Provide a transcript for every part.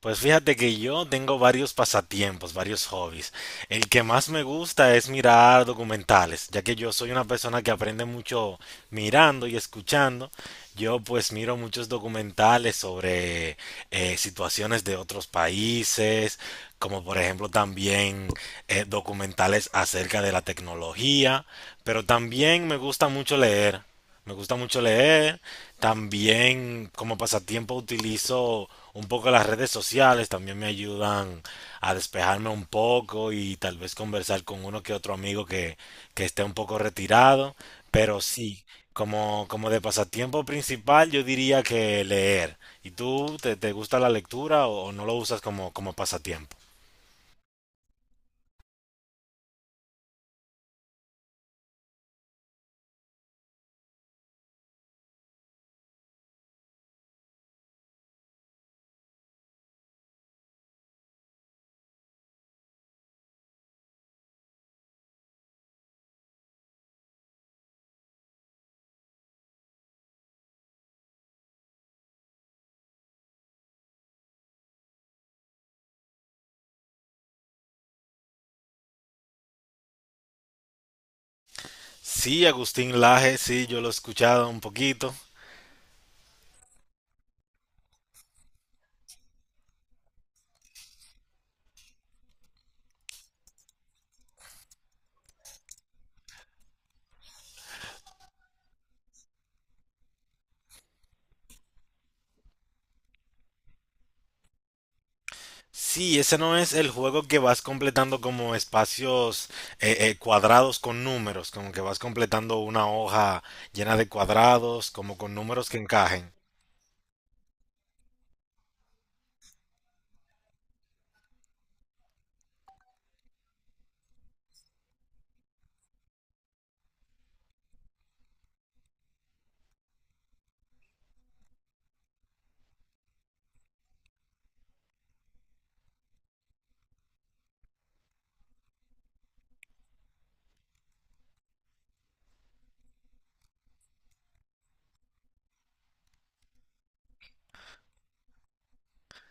Pues fíjate que yo tengo varios pasatiempos, varios hobbies. El que más me gusta es mirar documentales, ya que yo soy una persona que aprende mucho mirando y escuchando. Yo pues miro muchos documentales sobre situaciones de otros países, como por ejemplo también documentales acerca de la tecnología, pero también me gusta mucho leer. Me gusta mucho leer. También como pasatiempo utilizo un poco las redes sociales. También me ayudan a despejarme un poco y tal vez conversar con uno que otro amigo que esté un poco retirado. Pero sí, como de pasatiempo principal yo diría que leer. ¿Y tú te gusta la lectura o no lo usas como pasatiempo? Sí, Agustín Laje, sí, yo lo he escuchado un poquito. Sí, ese no es el juego que vas completando como espacios cuadrados con números, como que vas completando una hoja llena de cuadrados, como con números que encajen.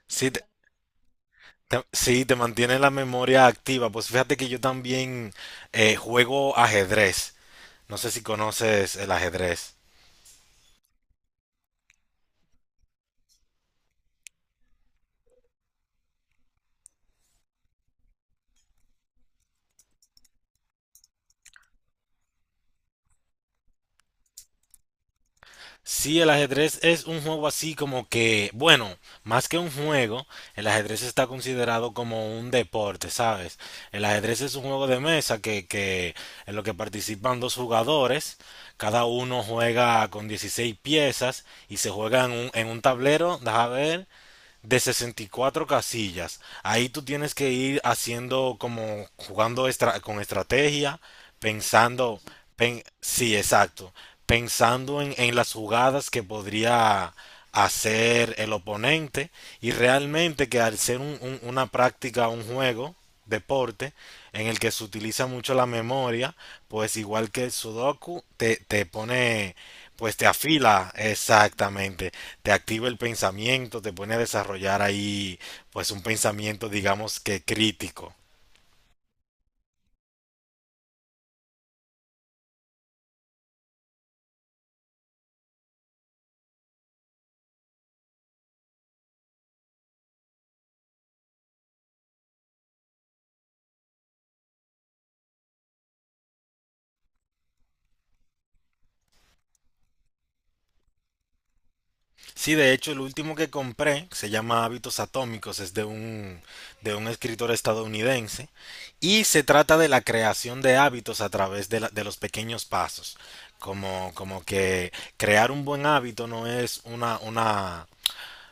Sí, sí, te mantiene la memoria activa. Pues fíjate que yo también juego ajedrez. No sé si conoces el ajedrez. Sí, el ajedrez es un juego así como que, bueno, más que un juego, el ajedrez está considerado como un deporte, ¿sabes? El ajedrez es un juego de mesa que en lo que participan dos jugadores, cada uno juega con 16 piezas y se juega en un, tablero, deja ver, de 64 casillas. Ahí tú tienes que ir haciendo como jugando con estrategia, pensando, sí, exacto, pensando en las jugadas que podría hacer el oponente y realmente que al ser una práctica, un juego, deporte en el que se utiliza mucho la memoria, pues igual que el Sudoku, te pone, pues te afila exactamente, te activa el pensamiento, te pone a desarrollar ahí, pues un pensamiento, digamos que crítico. Sí, de hecho, el último que compré se llama Hábitos Atómicos, es de un, escritor estadounidense y se trata de la creación de hábitos a través de los pequeños pasos. Como que crear un buen hábito no es una,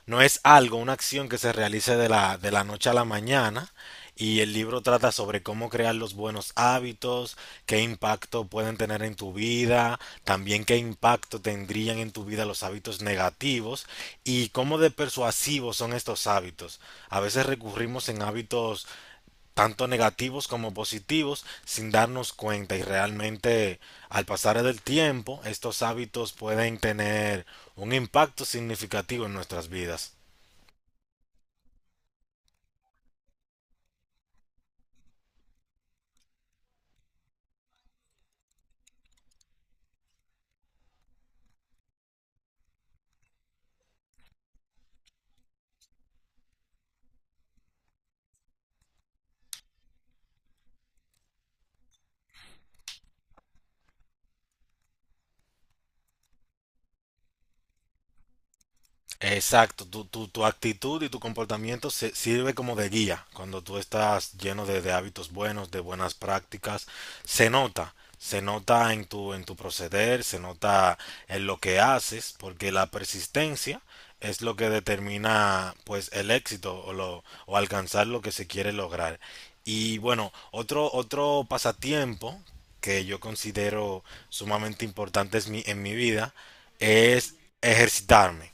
no es algo, una acción que se realice de la noche a la mañana. Y el libro trata sobre cómo crear los buenos hábitos, qué impacto pueden tener en tu vida, también qué impacto tendrían en tu vida los hábitos negativos y cómo de persuasivos son estos hábitos. A veces recurrimos en hábitos tanto negativos como positivos sin darnos cuenta y realmente al pasar del tiempo estos hábitos pueden tener un impacto significativo en nuestras vidas. Exacto, tu actitud y tu comportamiento sirve como de guía. Cuando tú estás lleno de hábitos buenos, de buenas prácticas, se nota en tu proceder, se nota en lo que haces, porque la persistencia es lo que determina pues el éxito o alcanzar lo que se quiere lograr. Y bueno, otro pasatiempo que yo considero sumamente importante en mi vida es ejercitarme.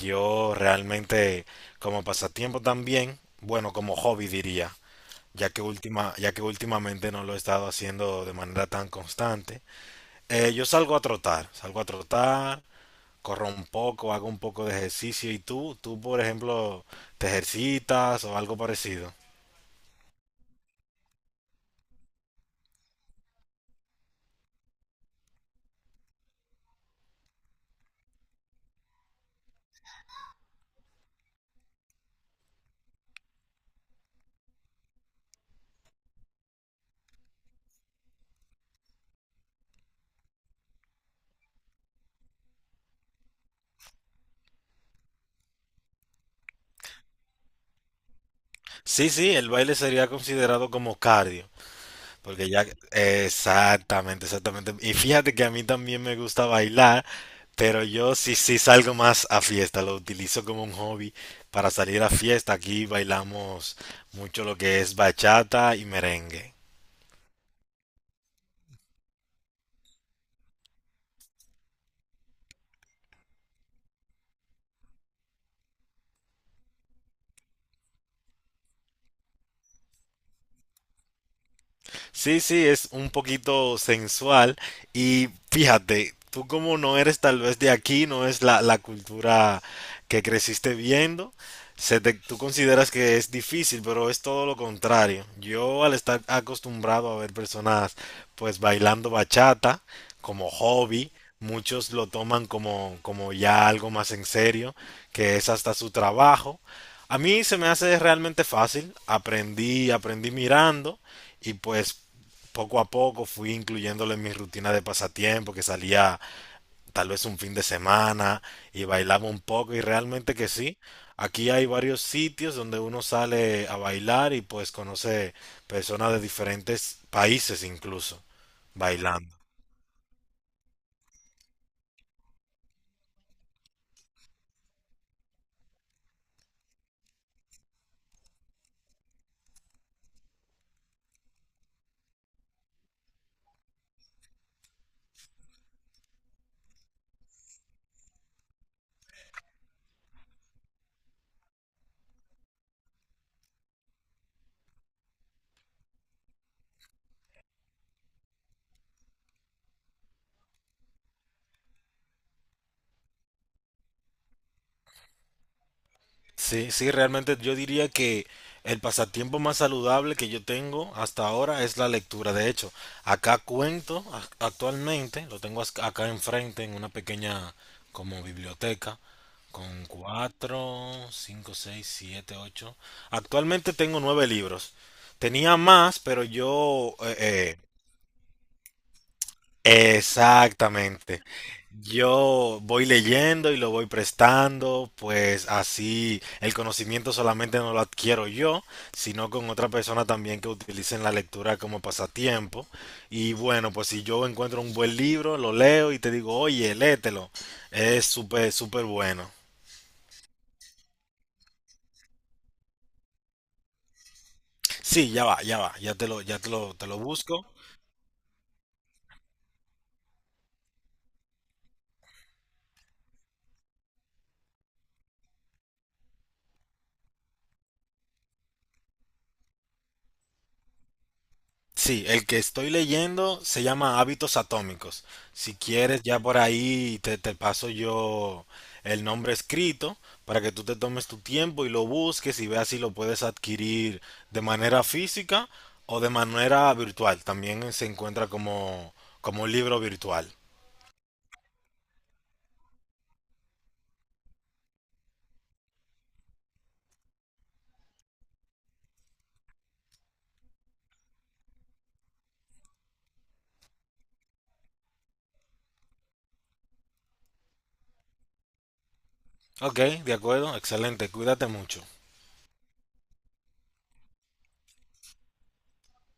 Yo realmente como pasatiempo también, bueno, como hobby diría, ya que últimamente no lo he estado haciendo de manera tan constante. Yo salgo a trotar, corro un poco, hago un poco de ejercicio. ¿Y tú? ¿Tú, por ejemplo, te ejercitas o algo parecido? Sí, sí, el baile sería considerado como cardio. Porque ya, exactamente, exactamente. Y fíjate que a mí también me gusta bailar, pero yo sí, sí salgo más a fiesta, lo utilizo como un hobby para salir a fiesta. Aquí bailamos mucho lo que es bachata y merengue. Sí, sí, es un poquito sensual y fíjate, tú como no eres tal vez de aquí, no es la, cultura que creciste viendo, tú consideras que es difícil, pero es todo lo contrario. Yo al estar acostumbrado a ver personas pues bailando bachata como hobby, muchos lo toman como ya algo más en serio, que es hasta su trabajo. A mí se me hace realmente fácil, aprendí, aprendí mirando. Y pues poco a poco fui incluyéndolo en mi rutina de pasatiempo, que salía tal vez un fin de semana y bailaba un poco y realmente que sí. Aquí hay varios sitios donde uno sale a bailar y pues conoce personas de diferentes países incluso bailando. Sí, sí, realmente yo diría que el pasatiempo más saludable que yo tengo hasta ahora es la lectura. De hecho, acá cuento actualmente, lo tengo acá enfrente en una pequeña como biblioteca con cuatro, cinco, seis, siete, ocho. Actualmente tengo nueve libros. Tenía más, pero yo exactamente. Yo voy leyendo y lo voy prestando, pues así el conocimiento solamente no lo adquiero yo, sino con otra persona también que utilicen la lectura como pasatiempo. Y bueno, pues si yo encuentro un buen libro, lo leo y te digo, oye, léetelo. Es súper, súper bueno. Sí, ya va, te lo busco. Sí, el que estoy leyendo se llama Hábitos Atómicos. Si quieres, ya por ahí te paso yo el nombre escrito para que tú te tomes tu tiempo y lo busques y veas si lo puedes adquirir de manera física o de manera virtual. También se encuentra como, un libro virtual. Ok, de acuerdo, excelente, cuídate mucho.